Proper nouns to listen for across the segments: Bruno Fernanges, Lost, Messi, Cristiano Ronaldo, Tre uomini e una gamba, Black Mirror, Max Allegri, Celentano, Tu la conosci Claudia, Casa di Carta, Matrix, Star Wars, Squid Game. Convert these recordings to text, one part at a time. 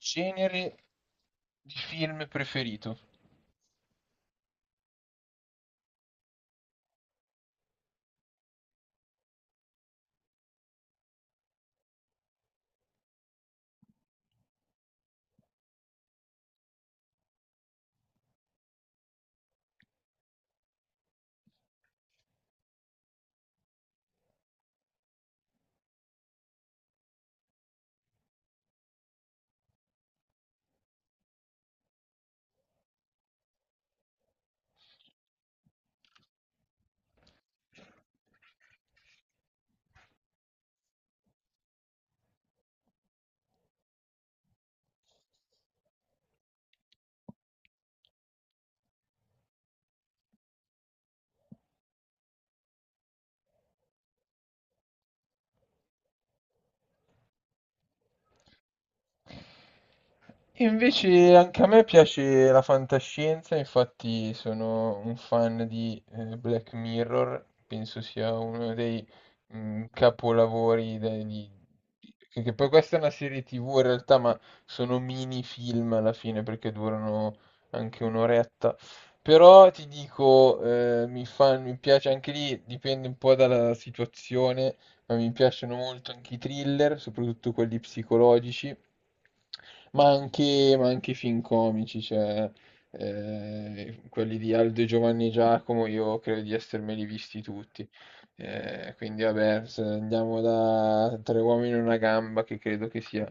Genere di film preferito? E invece anche a me piace la fantascienza, infatti sono un fan di Black Mirror, penso sia uno dei capolavori che poi questa è una serie TV in realtà, ma sono mini film alla fine perché durano anche un'oretta. Però ti dico, mi piace anche lì, dipende un po' dalla situazione, ma mi piacciono molto anche i thriller, soprattutto quelli psicologici, ma anche i film comici, cioè quelli di Aldo e Giovanni Giacomo, io credo di essermeli visti tutti. Quindi vabbè, se andiamo da Tre uomini e una gamba, che credo che sia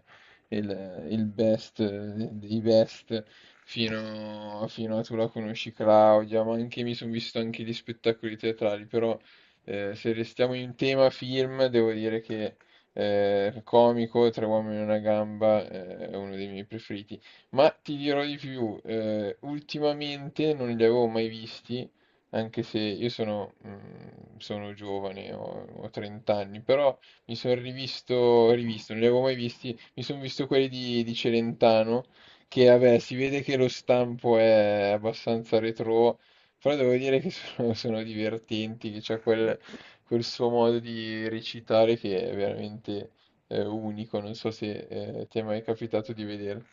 il best dei best, fino a Tu la conosci Claudia, ma anche mi sono visto anche gli spettacoli teatrali, però se restiamo in tema film, devo dire che il comico Tre uomini e una gamba è uno dei miei preferiti. Ma ti dirò di più, ultimamente non li avevo mai visti, anche se io sono giovane, ho 30 anni, però mi sono rivisto, rivisto, non li avevo mai visti, mi sono visto quelli di Celentano, che vabbè, si vede che lo stampo è abbastanza retro, però devo dire che sono, sono divertenti, che c'è quel suo modo di recitare che è veramente unico. Non so se ti è mai capitato di vedere.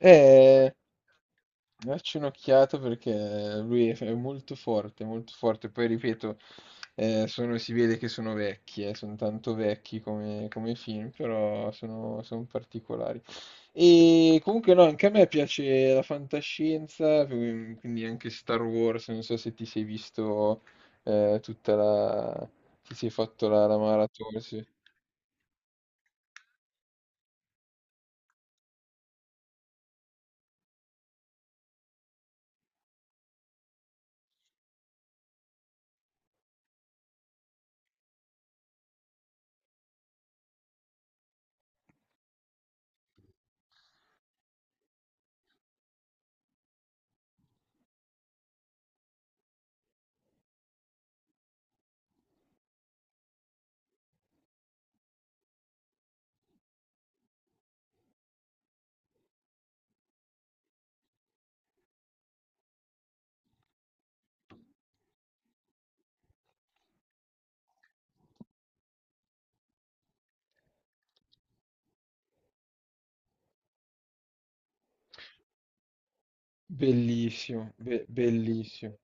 Eh, Dacci un'occhiata, perché lui è molto forte, molto forte. Poi ripeto, si vede che sono vecchi, sono tanto vecchi come film, però sono particolari. E comunque no, anche a me piace la fantascienza, quindi anche Star Wars, non so se ti sei visto tutta la. Se sei fatto la maratona, sì. Bellissimo, bellissimo.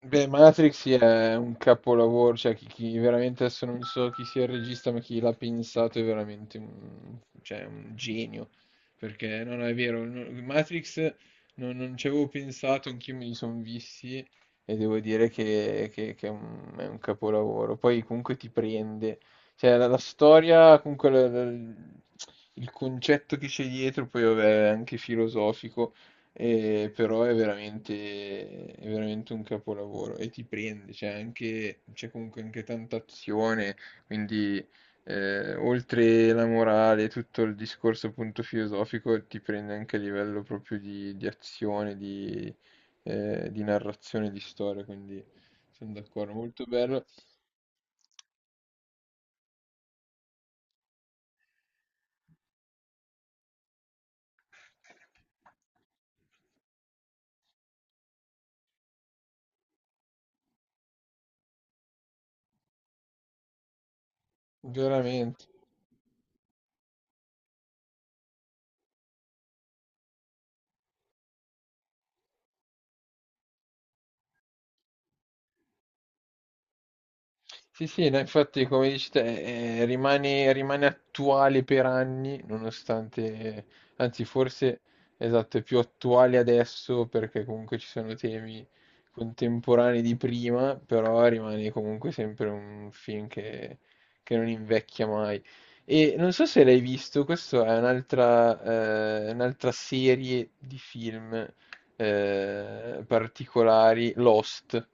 Beh, Matrix sì, è un capolavoro, cioè chi veramente adesso non so chi sia il regista, ma chi l'ha pensato è veramente un, cioè, un genio, perché no, no, è vero, no, Matrix non ci avevo pensato, anch'io me li sono visti e devo dire che è un capolavoro, poi comunque ti prende, cioè la storia, comunque il concetto che c'è dietro, poi vabbè, è anche filosofico. E però è veramente un capolavoro e ti prende, c'è anche, c'è comunque anche tanta azione, quindi oltre la morale, tutto il discorso appunto filosofico ti prende anche a livello proprio di azione, di narrazione, di storia, quindi sono d'accordo, molto bello, veramente. Sì, sì, no, infatti come dici te, rimane attuale per anni, nonostante, anzi forse, esatto, è più attuale adesso perché comunque ci sono temi contemporanei di prima, però rimane comunque sempre un film che non invecchia mai. E non so se l'hai visto, questa è un'altra serie di film particolari, Lost.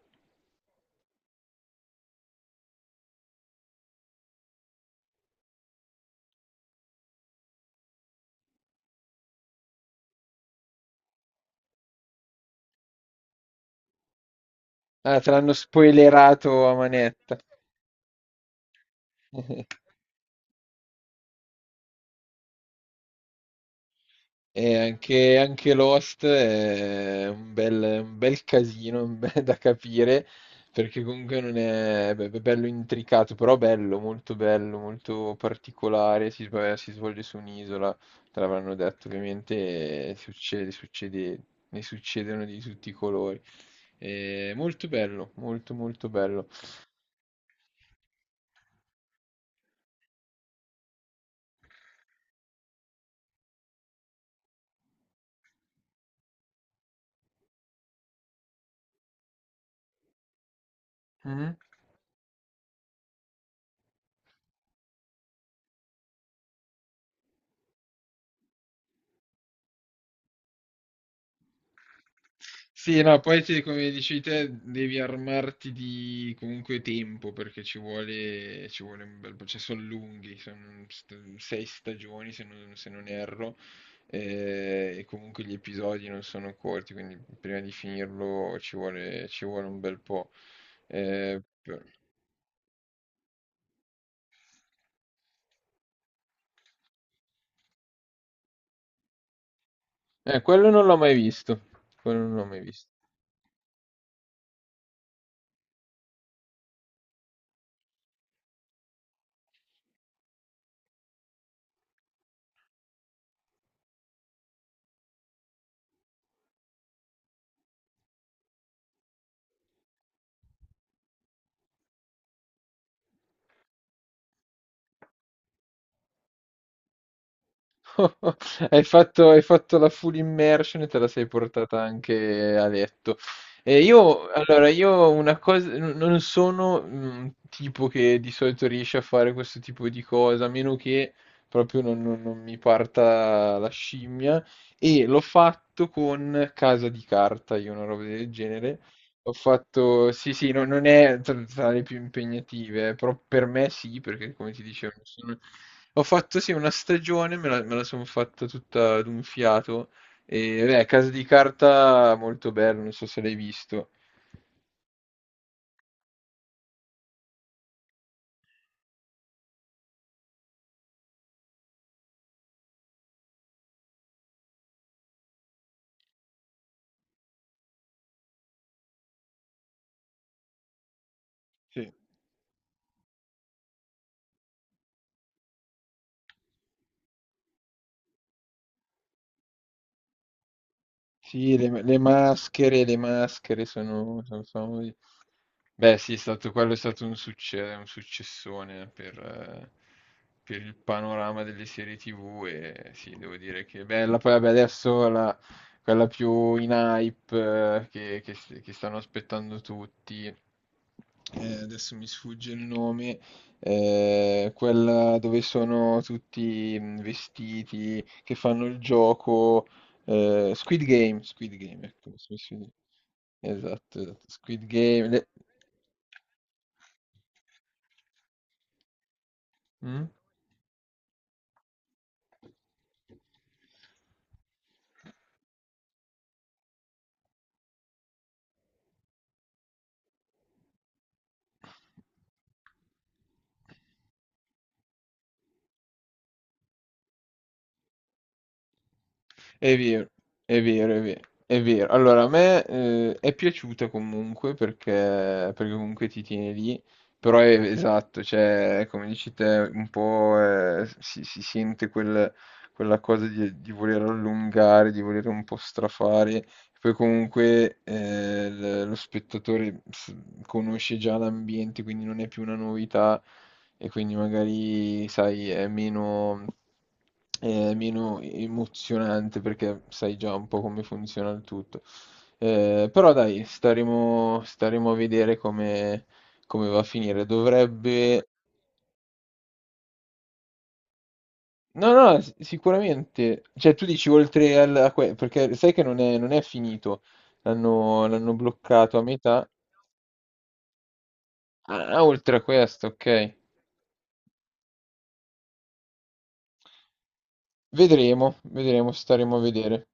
Ah, te l'hanno spoilerato a manetta. E anche Lost è un bel casino, da capire, perché comunque non è, beh, è bello intricato, però bello, molto particolare. Si svolge su un'isola, te l'avranno detto ovviamente, e succede, ne succedono di tutti i colori. È molto bello, molto molto bello. Mhm. Sì, no, poi come dici te, devi armarti di comunque tempo perché ci vuole un bel po', cioè sono lunghi, sono sei stagioni se non, se non erro, e comunque gli episodi non sono corti, quindi prima di finirlo ci vuole un bel po'. Eh, per- quello non l'ho mai visto, quello non l'ho mai visto. Hai fatto la full immersion e te la sei portata anche a letto. E allora, io una cosa, non sono un tipo che di solito riesce a fare questo tipo di cosa, a meno che proprio non mi parta la scimmia. E l'ho fatto con Casa di Carta, io, una roba del genere. Ho fatto, sì, sì, non è tra le più impegnative, però per me sì, perché come ti dicevo, non ho fatto sì una stagione, me la sono fatta tutta d'un fiato, e beh, Casa di Carta, molto bello, non so se l'hai visto. Sì. Sì, le maschere sono famose. Beh, sì, è stato, quello è stato un successone per il panorama delle serie TV, e sì, devo dire che è bella. Poi vabbè, adesso quella più in hype, che stanno aspettando tutti, adesso mi sfugge il nome, quella dove sono tutti vestiti, che fanno il gioco, Squid Game, Squid Game, ecco, sì, sì. Esatto, esatto, Squid Game. Mm? È vero, è vero, è vero, è vero. Allora, a me è piaciuta comunque, perché, perché comunque ti tiene lì, però è, esatto, cioè, come dici te, un po' si sente quella cosa di voler allungare, di voler un po' strafare, poi comunque lo spettatore conosce già l'ambiente, quindi non è più una novità e quindi magari, sai, è meno, emozionante, perché sai già un po' come funziona il tutto. Però dai, staremo a vedere come, va a finire. Dovrebbe. No, no, sicuramente. Cioè, tu dici oltre perché sai che non è finito. L'hanno bloccato a metà. Ah, oltre a questo, ok. Vedremo, vedremo, staremo a vedere.